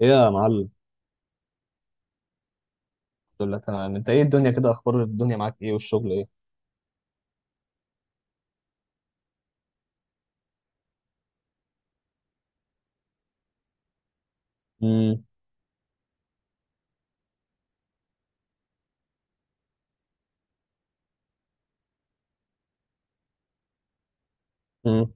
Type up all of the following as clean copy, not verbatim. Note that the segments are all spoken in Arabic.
ايه يا معلم. الحمد لله تمام، انت ايه الدنيا كده، اخبار الدنيا معاك ايه والشغل ايه؟ امم امم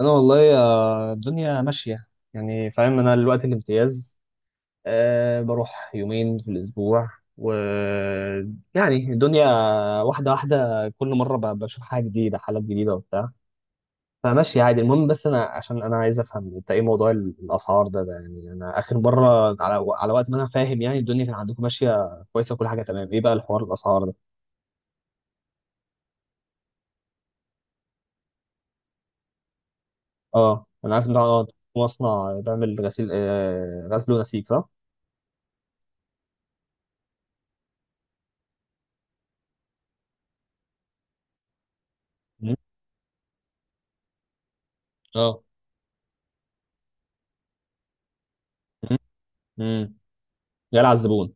انا والله، الدنيا ماشيه، يعني فاهم، انا دلوقتي الامتياز، بروح يومين في الاسبوع، و يعني الدنيا واحده واحده كل مره بشوف حاجه جديده، حالات جديده وبتاع. فماشي عادي، المهم بس انا عشان انا عايز افهم انت ايه موضوع الاسعار ده، ده يعني انا اخر مره على وقت ما انا فاهم يعني الدنيا كان عندكم ماشيه كويسه وكل حاجه تمام، ايه بقى الحوار الاسعار ده؟ اه انا عارف ان ده اه مصنع بيعمل غسيل، غسل ونسيج، صح؟ مم. اه. مم. مم. جاي على الزبون.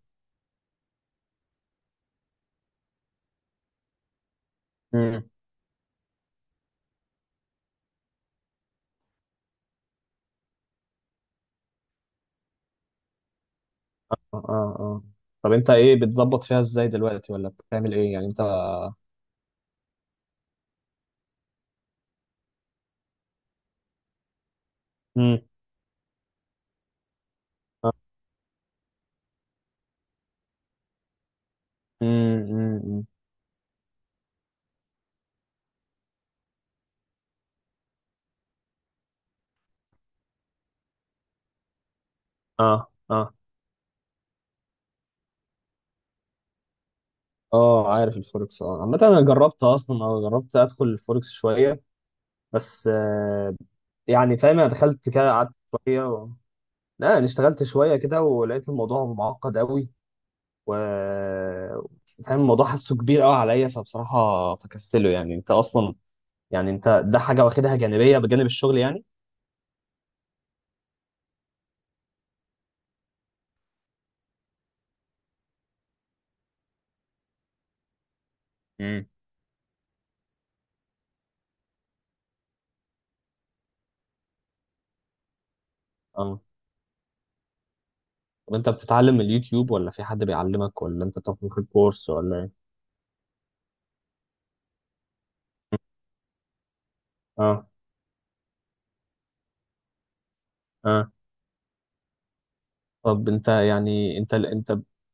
مم. اه. اه. طب انت ايه بتظبط فيها ازاي دلوقتي، ولا بتعمل ايه يعني انت؟ مم. اه. مم. مم. مم. اه اه. اه عارف الفوركس، اه. عامة انا جربت اصلا، اه جربت ادخل الفوركس شوية، بس آه. يعني فاهم، انا دخلت كده قعدت شوية و... لا انا اشتغلت شوية كده ولقيت الموضوع معقد قوي، و فاهم الموضوع، حاسه كبير قوي عليا، فبصراحه فكستله. يعني انت اصلا، يعني انت ده حاجه واخدها جانبيه بجانب الشغل يعني؟ امم. اه. طب انت بتتعلم من اليوتيوب، ولا في حد بيعلمك، ولا انت بتاخد في الكورس، ولا ايه؟ اه. اه. طب انت يعني انت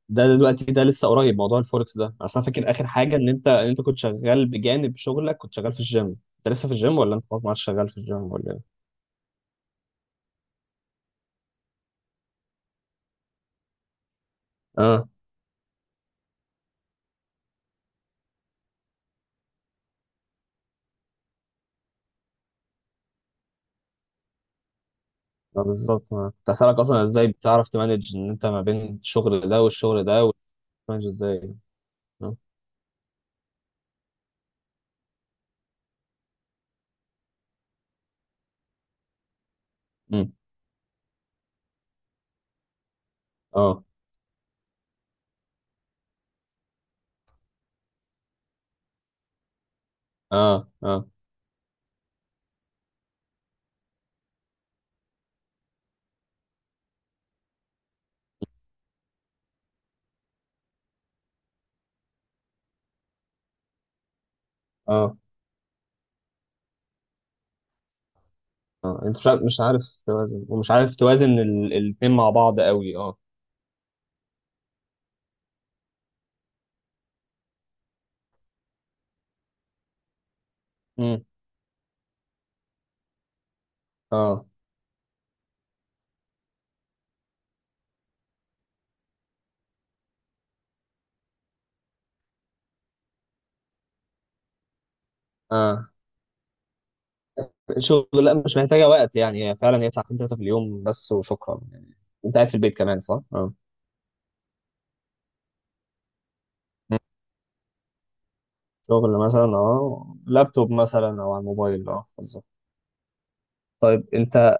ده دلوقتي ده لسه قريب موضوع الفوركس ده، اصل انا فاكر اخر حاجه ان انت كنت شغال بجانب شغلك، كنت شغال في الجيم. انت لسه في الجيم، ولا انت خلاص ما عادش شغال في الجيم ولا ايه؟ ما بالظبط، أنا كنت هسألك أصلا إزاي بتعرف تمانج إن أنت ما بين الشغل ده والشغل ده، وتمانج إزاي. أه. أمم. أه أه أه أه. أه أنت مش عارف، مش عارف توازن، ومش عارف توازن الاتنين مع بعض قوي، أه. أمم. أه. أه شغل، لا مش محتاجة وقت، يعني هي فعلا هي ساعتين تلاتة في اليوم بس وشكرا يعني. أنت قاعد في البيت كمان، صح؟ أه. أمم. شغل مثلا، أه لابتوب مثلا أو على الموبايل، أه بالظبط. طيب أنت،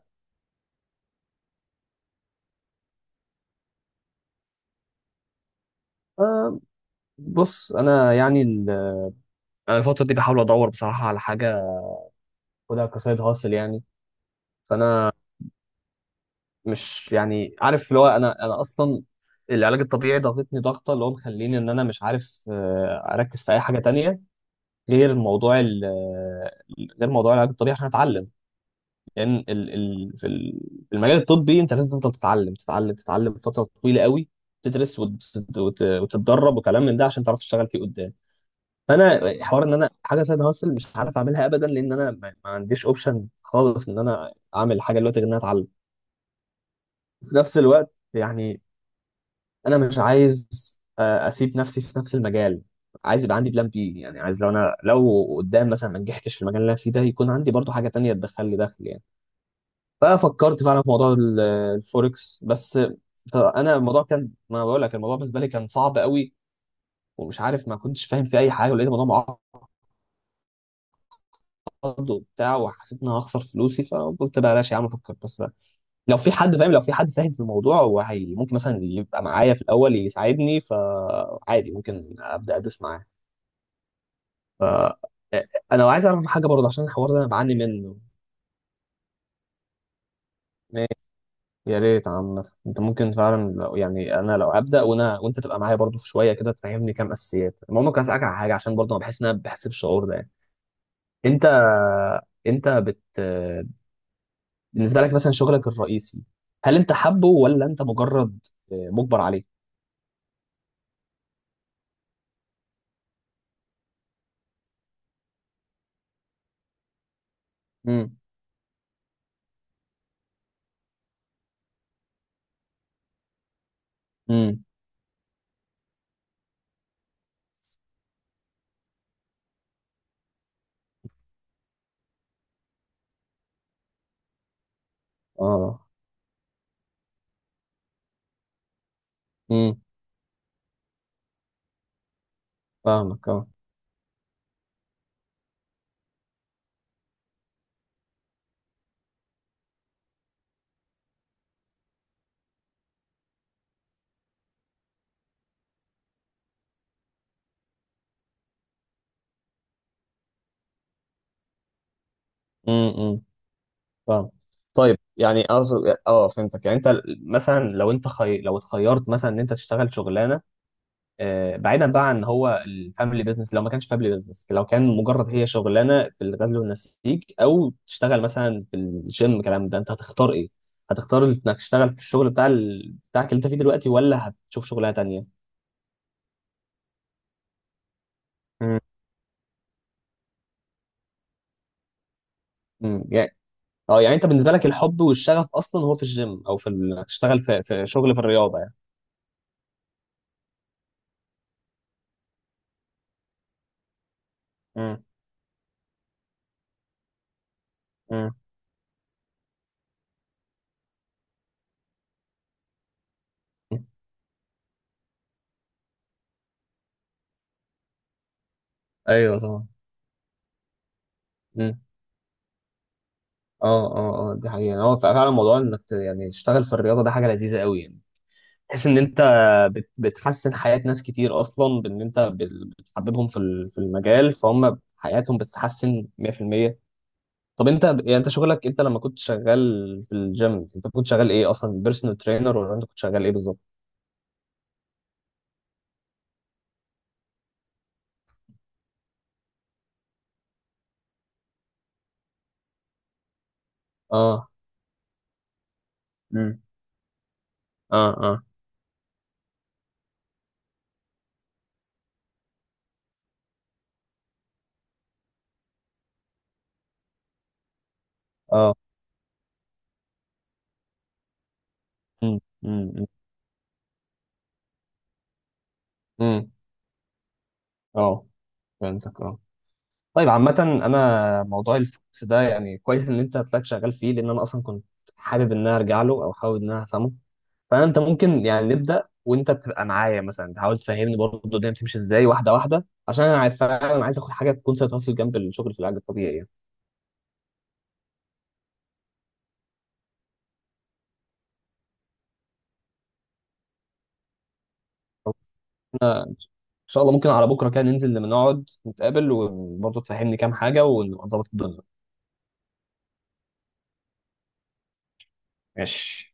آه، بص انا يعني، انا الفتره دي بحاول ادور بصراحه على حاجه، خدها كسايد هاسل يعني. فانا مش يعني عارف اللي هو، انا اصلا العلاج الطبيعي ضغطتني ضغطه، اللي هو مخليني ان انا مش عارف اركز في اي حاجه تانية غير موضوع غير موضوع العلاج الطبيعي، عشان اتعلم، لان ال في في المجال الطبي انت لازم تفضل تتعلم تتعلم تتعلم فتره طويله قوي، تدرس وتتدرب وكلام من ده عشان تعرف تشتغل فيه قدام. فانا حوار ان انا حاجه سايد هاسل مش عارف اعملها ابدا، لان انا ما عنديش اوبشن خالص ان انا اعمل حاجه دلوقتي غير ان انا اتعلم في نفس الوقت يعني. انا مش عايز اسيب نفسي في نفس المجال، عايز يبقى عندي بلان بي، يعني عايز لو انا لو قدام مثلا ما نجحتش في المجال اللي انا فيه ده يكون عندي برضو حاجه تانية تدخل لي دخل يعني. ففكرت فعلا في موضوع الفوركس، بس انا الموضوع كان، ما بقول لك، الموضوع بالنسبه لي كان صعب قوي، ومش عارف، ما كنتش فاهم في اي حاجه، ولقيت الموضوع برضه وبتاع، وحسيت ان انا هخسر فلوسي فقلت بلاش يا عم افكر بس. لو في حد فاهم، لو في حد فاهم في الموضوع، هو هي ممكن مثلا يبقى معايا في الاول يساعدني، فعادي ممكن ابدا ادوس معاه. ف انا عايز اعرف حاجه برضه عشان الحوار ده انا بعاني منه. ماشي، يا ريت عامة انت ممكن فعلا لو يعني انا لو ابدا، وانا وانت تبقى معايا برضه في شويه كده تفهمني كام اساسيات. المهم كنت عايز اسالك على حاجه، عشان برضه انا بحس ان انا بحس بالشعور ده يعني. انت انت بالنسبه لك مثلا شغلك الرئيسي، هل انت حابه، ولا انت مجرد مجبر عليه؟ امم امم اه. امم. فاهمك اه. امم. فاهم. طيب يعني اقصد اه، فهمتك يعني انت مثلا لو انت لو اتخيرت مثلا ان انت تشتغل شغلانه، آه بعيدا بقى عن هو الفاميلي بيزنس، لو ما كانش فاميلي بيزنس، لو كان مجرد هي شغلانه في الغزل والنسيج، او تشتغل مثلا في الجيم كلام ده، انت هتختار ايه؟ هتختار انك تشتغل في الشغل بتاع بتاعك اللي انت فيه دلوقتي، ولا هتشوف شغلانه تانيه؟ مم. مم. يعني اه، يعني انت بالنسبه لك الحب والشغف اصلا هو في الجيم، او في تشتغل في شغل في الرياضه يعني. مم. مم. مم. ايوه طبعا. مم. اه اه اه، دي حقيقة، هو فعلا موضوع انك يعني تشتغل في الرياضة ده حاجة لذيذة قوي يعني، تحس ان انت بتحسن حياة ناس كتير، اصلا بان انت بتحببهم في في المجال، فهم حياتهم بتتحسن 100%. طب انت يعني انت شغلك، انت لما كنت شغال في الجيم، انت كنت شغال ايه اصلا، بيرسونال ترينر، ولا انت كنت شغال ايه بالظبط؟ اه. امم. اه اه. امم. امم. امم. اه. فهمتك اه. طيب عامة، انا موضوع الفوكس ده يعني كويس ان انت هتلاقيك شغال فيه، لان انا اصلا كنت حابب ان انا ارجع له، او حابب ان انا افهمه. فانت ممكن يعني نبدا، وانت تبقى معايا مثلا تحاول تفهمني برضه الدنيا بتمشي ازاي واحده واحده، عشان انا عارف فعلا عايز اخد حاجه تكون سايد هاسل جنب الشغل في العلاج الطبيعي يعني. أو- ان شاء الله، ممكن على بكره كده ننزل لما نقعد نتقابل، وبرضه تفهمني كام حاجه، ونبقى نظبط الدنيا. ماشي.